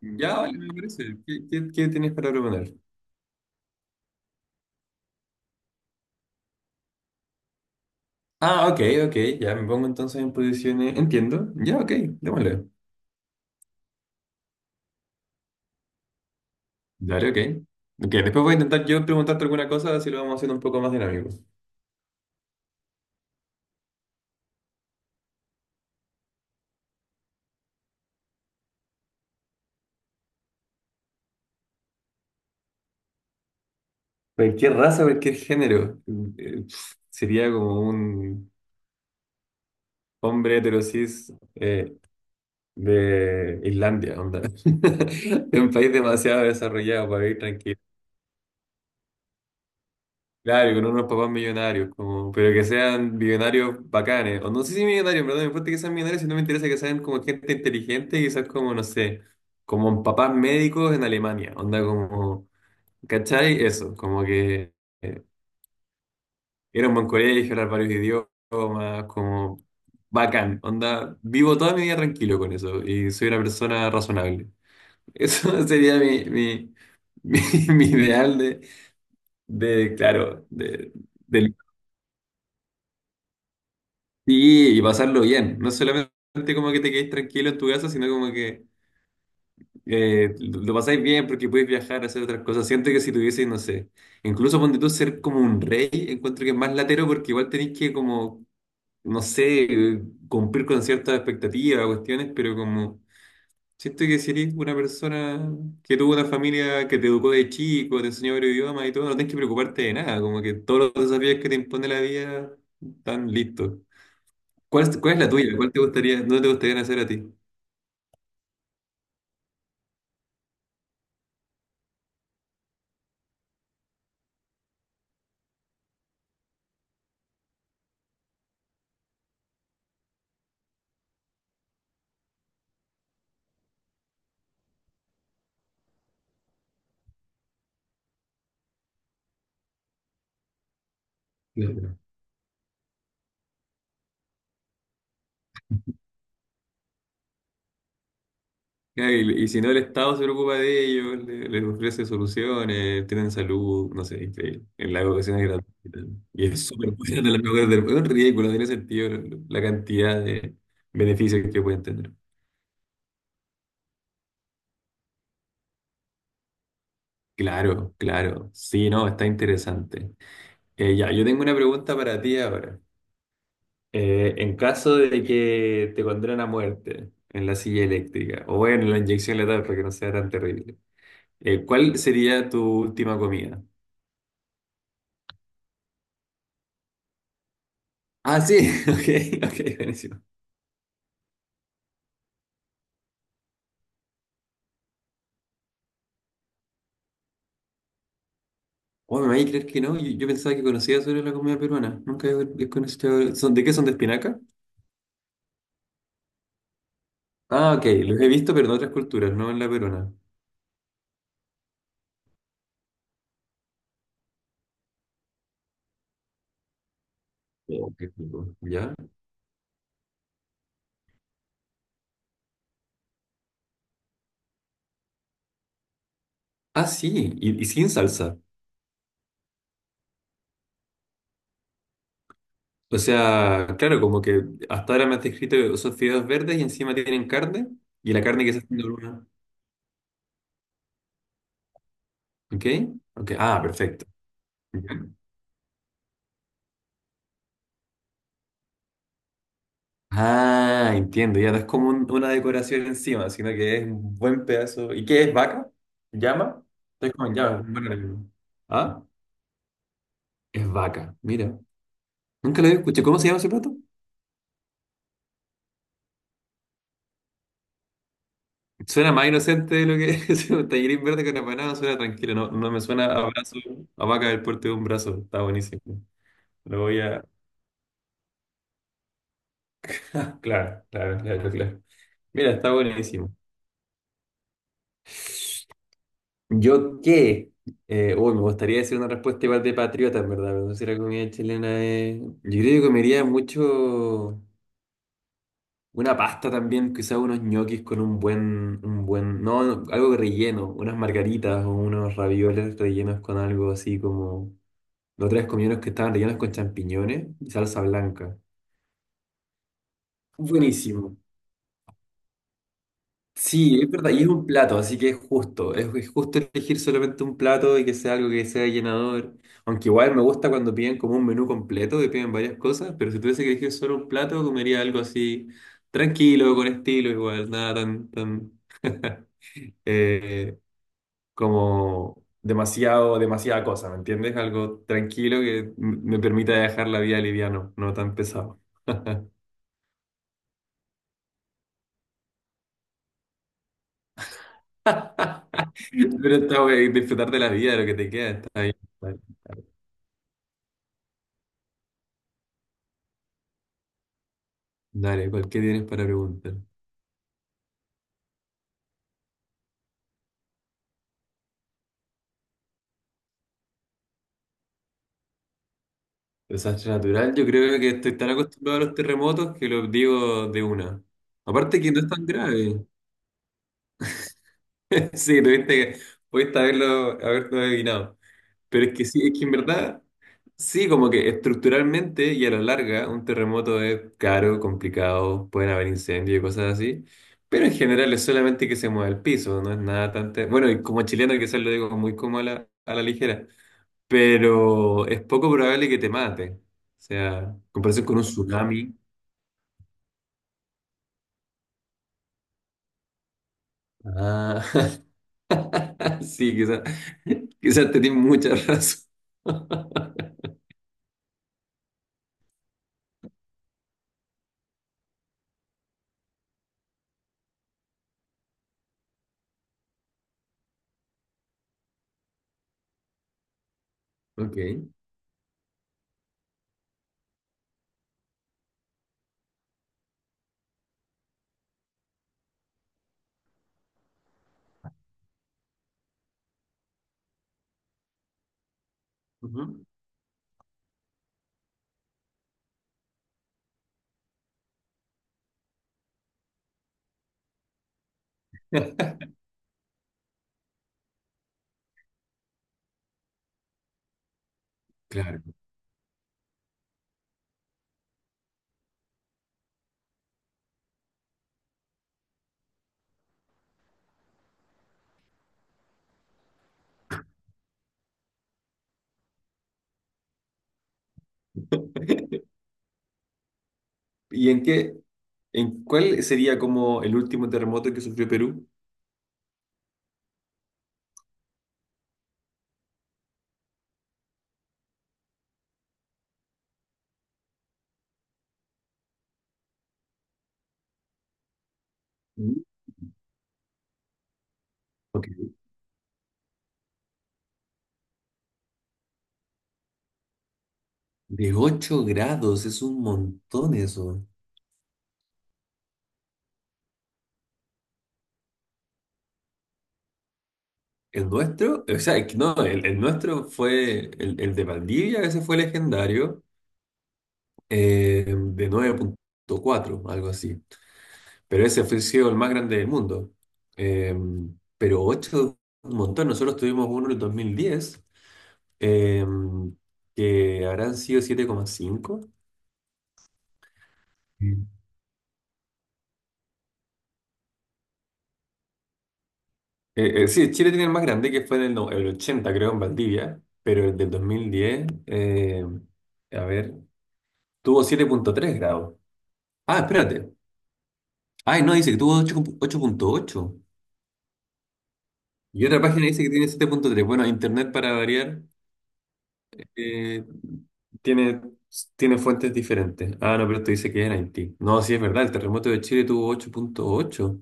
Ya, vale, me parece. ¿Qué tienes para proponer? Ah, ok, ok, ya me pongo entonces en posiciones. Entiendo. Ya, ok, démosle. Dale, ok. Ok, después voy a intentar yo preguntarte alguna cosa, así lo vamos haciendo un poco más dinámico. Cualquier raza, cualquier género. Sería como un hombre heterosis de Islandia, onda. De un país demasiado desarrollado para vivir tranquilo. Claro, con unos papás millonarios, como, pero que sean millonarios bacanes. O no sé si millonarios, pero no me importa que sean millonarios, sino me interesa que sean como gente inteligente, quizás como, no sé, como papás médicos en Alemania. Onda como, ¿cachai? Eso, como que eh, era un buen colegio, hablar varios idiomas, como bacán. Onda, vivo toda mi vida tranquilo con eso y soy una persona razonable. Eso sería mi, mi, mi ideal de, claro, del. Sí, y pasarlo bien. No solamente como que te quedes tranquilo en tu casa, sino como que lo pasáis bien porque podéis viajar, hacer otras cosas. Siento que si tuvieseis, no sé, incluso ponte tú ser como un rey, encuentro que es más latero porque igual tenéis que como, no sé, cumplir con ciertas expectativas, cuestiones, pero como siento que si eres una persona que tuvo una familia que te educó de chico, te enseñó varios idiomas y todo, no tenés que preocuparte de nada, como que todos los desafíos que te impone la vida están listos. ¿Cuál es la tuya? ¿Cuál te gustaría, no te gustaría hacer a ti? Claro. Ya, y si no, el Estado se preocupa de ellos, les ofrece soluciones, tienen salud, no sé, increíble. En la educación es gratuita. Y es súper buena, la mejor del mundo. Es un ridículo, no tiene sentido la cantidad de beneficios que pueden tener. Claro, claro. Sí, no, está interesante. Ya, yo tengo una pregunta para ti ahora. En caso de que te condenen a muerte en la silla eléctrica o en la inyección letal para que no sea tan terrible. ¿Cuál sería tu última comida? Ah, sí, ok, ok, buenísimo. Oh, me vais a creer que no, yo pensaba que conocía sobre la comida peruana. Nunca he conocido. ¿De qué son, de espinaca? Ah, ok, los he visto, pero en otras culturas, no en la peruana. Oh, qué rico. ¿Ya? Ah, sí, y sin salsa. O sea, claro, como que hasta ahora me has descrito que son fideos verdes y encima tienen carne, y la carne que se hace en la luna. ¿Ok? Ok, ah, perfecto. Ah, entiendo, ya no es como una decoración encima, sino que es un buen pedazo. ¿Y qué es, vaca? ¿Llama? Es como llama, un buen enemigo. ¿Ah? Es vaca, mira. Nunca lo había escuchado. ¿Cómo se llama ese plato? Suena más inocente de lo que es. Un tallarín verde con empanada, suena tranquilo, no, no me suena a brazo, a vaca del puerto de un brazo, está buenísimo. Lo voy a... Claro, claro, claro, claro. Mira, está buenísimo. Yo qué, uy, me gustaría decir una respuesta igual de patriota, en verdad, pero no sé si la comida chilena es... Yo creo que comería mucho una pasta también, quizás unos ñoquis con un buen, no, no, algo relleno, unas margaritas o unos ravioles rellenos con algo así como... Los tres comí unos que estaban rellenos con champiñones y salsa blanca. Buenísimo. Sí, es verdad, y es un plato, así que es justo, es justo elegir solamente un plato y que sea algo que sea llenador. Aunque igual me gusta cuando piden como un menú completo, que piden varias cosas, pero si tuviese que elegir solo un plato, comería algo así tranquilo, con estilo, igual, nada tan, tan eh, como demasiado, demasiada cosa, ¿me entiendes? Algo tranquilo que me permita dejar la vida liviano, no tan pesado. Pero está, bueno, disfrutar de la vida, de lo que te queda, está bien. Dale, Dale, ¿qué tienes para preguntar? Desastre natural, yo creo que estoy tan acostumbrado a los terremotos que lo digo de una. Aparte que no es tan grave. Sí, tuviste que, pudiste haberlo adivinado. Pero es que sí, es que en verdad, sí, como que estructuralmente y a la larga, un terremoto es caro, complicado, pueden haber incendios y cosas así. Pero en general es solamente que se mueva el piso, no es nada tan... Bueno, y como chileno quizás lo digo muy como a la ligera, pero es poco probable que te mate. O sea, en comparación con un tsunami. Ah, sí, quizás, quizás tenés mucha razón. Ok. Ujú. Claro. ¿Y en en cuál sería como el último terremoto que sufrió Perú? Mm. Ok. De 8 grados, es un montón eso. ¿El nuestro? O sea, es que no, el nuestro fue el de Valdivia, ese fue legendario. De 9,4, algo así. Pero ese fue sido el más grande del mundo. Eh, pero ocho, un montón. Nosotros tuvimos uno en el 2010, eh, que habrán sido 7,5. Mm. Sí, Chile tiene el más grande, que fue en el, no- el 80, creo, en Valdivia, pero el del 2010, a ver, tuvo 7,3 grados. Ah, espérate. Ay, no, dice que tuvo ocho punto ocho. Y otra página dice que tiene 7,3. Bueno, internet para variar. Eh, tiene, tiene fuentes diferentes. Ah, no, pero esto dice que es en Haití. No, sí es verdad, el terremoto de Chile tuvo 8,8.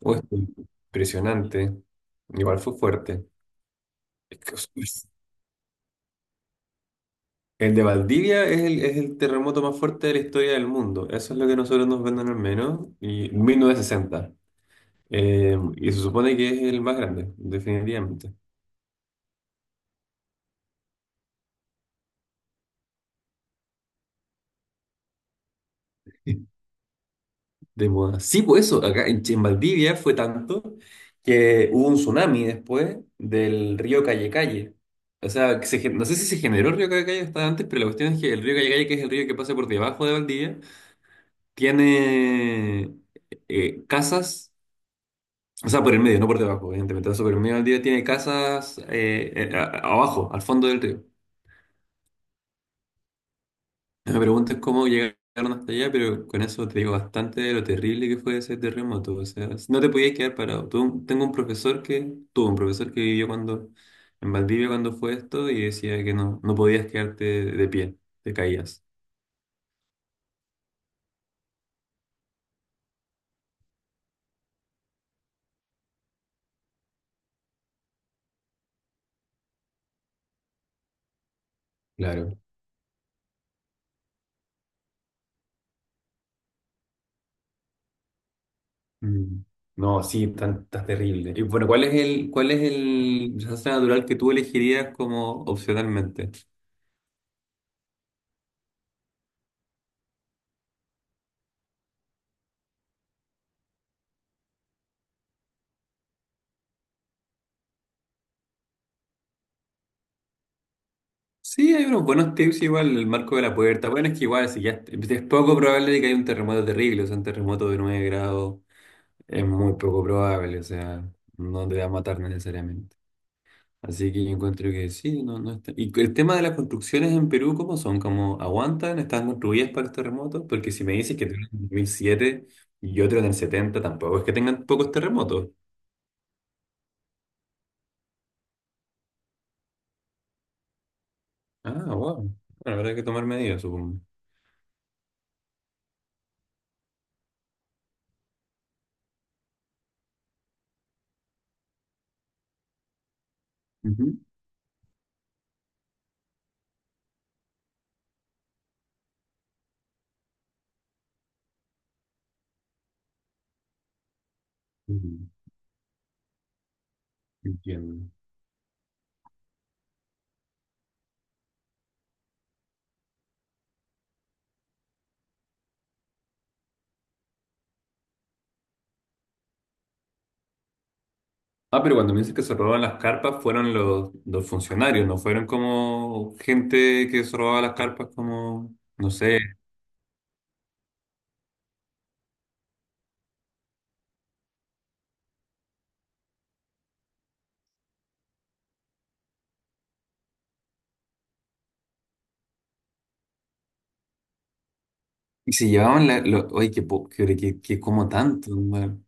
Oh, esto es impresionante. Igual fue fuerte. Es que... el de Valdivia es el terremoto más fuerte de la historia del mundo. Eso es lo que nosotros nos venden, al menos. Y 1960. Y se supone que es el más grande, definitivamente. De moda. Sí, pues eso, acá en Valdivia fue tanto que hubo un tsunami después del río Calle Calle. O sea, que no sé si se generó el río Calle Calle hasta antes, pero la cuestión es que el río Calle Calle, que es el río que pasa por debajo de Valdivia, tiene casas, o sea, por el medio, no por debajo, evidentemente, pero por el medio de Valdivia, tiene casas abajo, al fondo del río. Me preguntas cómo llegaron hasta allá, pero con eso te digo bastante de lo terrible que fue ese terremoto. O sea, no te podías quedar parado. Tuve tengo un profesor que, tuvo un profesor que vivió en Valdivia cuando fue esto y decía que no, no podías quedarte de pie, te caías. Claro. Mm. No, sí, tan, tan terrible. Y bueno, ¿cuál es el desastre natural que tú elegirías como opcionalmente? Sí, hay unos buenos tips igual, el marco de la puerta. Bueno, es que igual, si ya es poco probable de que haya un terremoto terrible, o sea, un terremoto de 9 grados es muy poco probable, o sea, no te va a matar necesariamente. Así que yo encuentro que sí, no, no está. ¿Y el tema de las construcciones en Perú, cómo son? ¿Cómo aguantan? ¿Están construidas para los terremotos? Porque si me dices que tienen en 2007 y otro en el 70, tampoco es que tengan pocos terremotos. Ah, wow. Bueno, habrá que tomar medidas, supongo. Ujú. Ujú, entiendo. Ah, pero cuando me dices que se robaban las carpas, fueron los funcionarios, no fueron como gente que se robaba las carpas, como, no sé. Y se llevaban oye, qué, po- qué, qué, qué como tanto, hermano.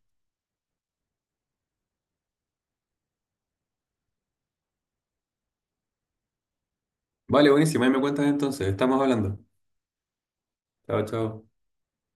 Vale, buenísimo, ahí me cuentas entonces, estamos hablando. Chao, chao.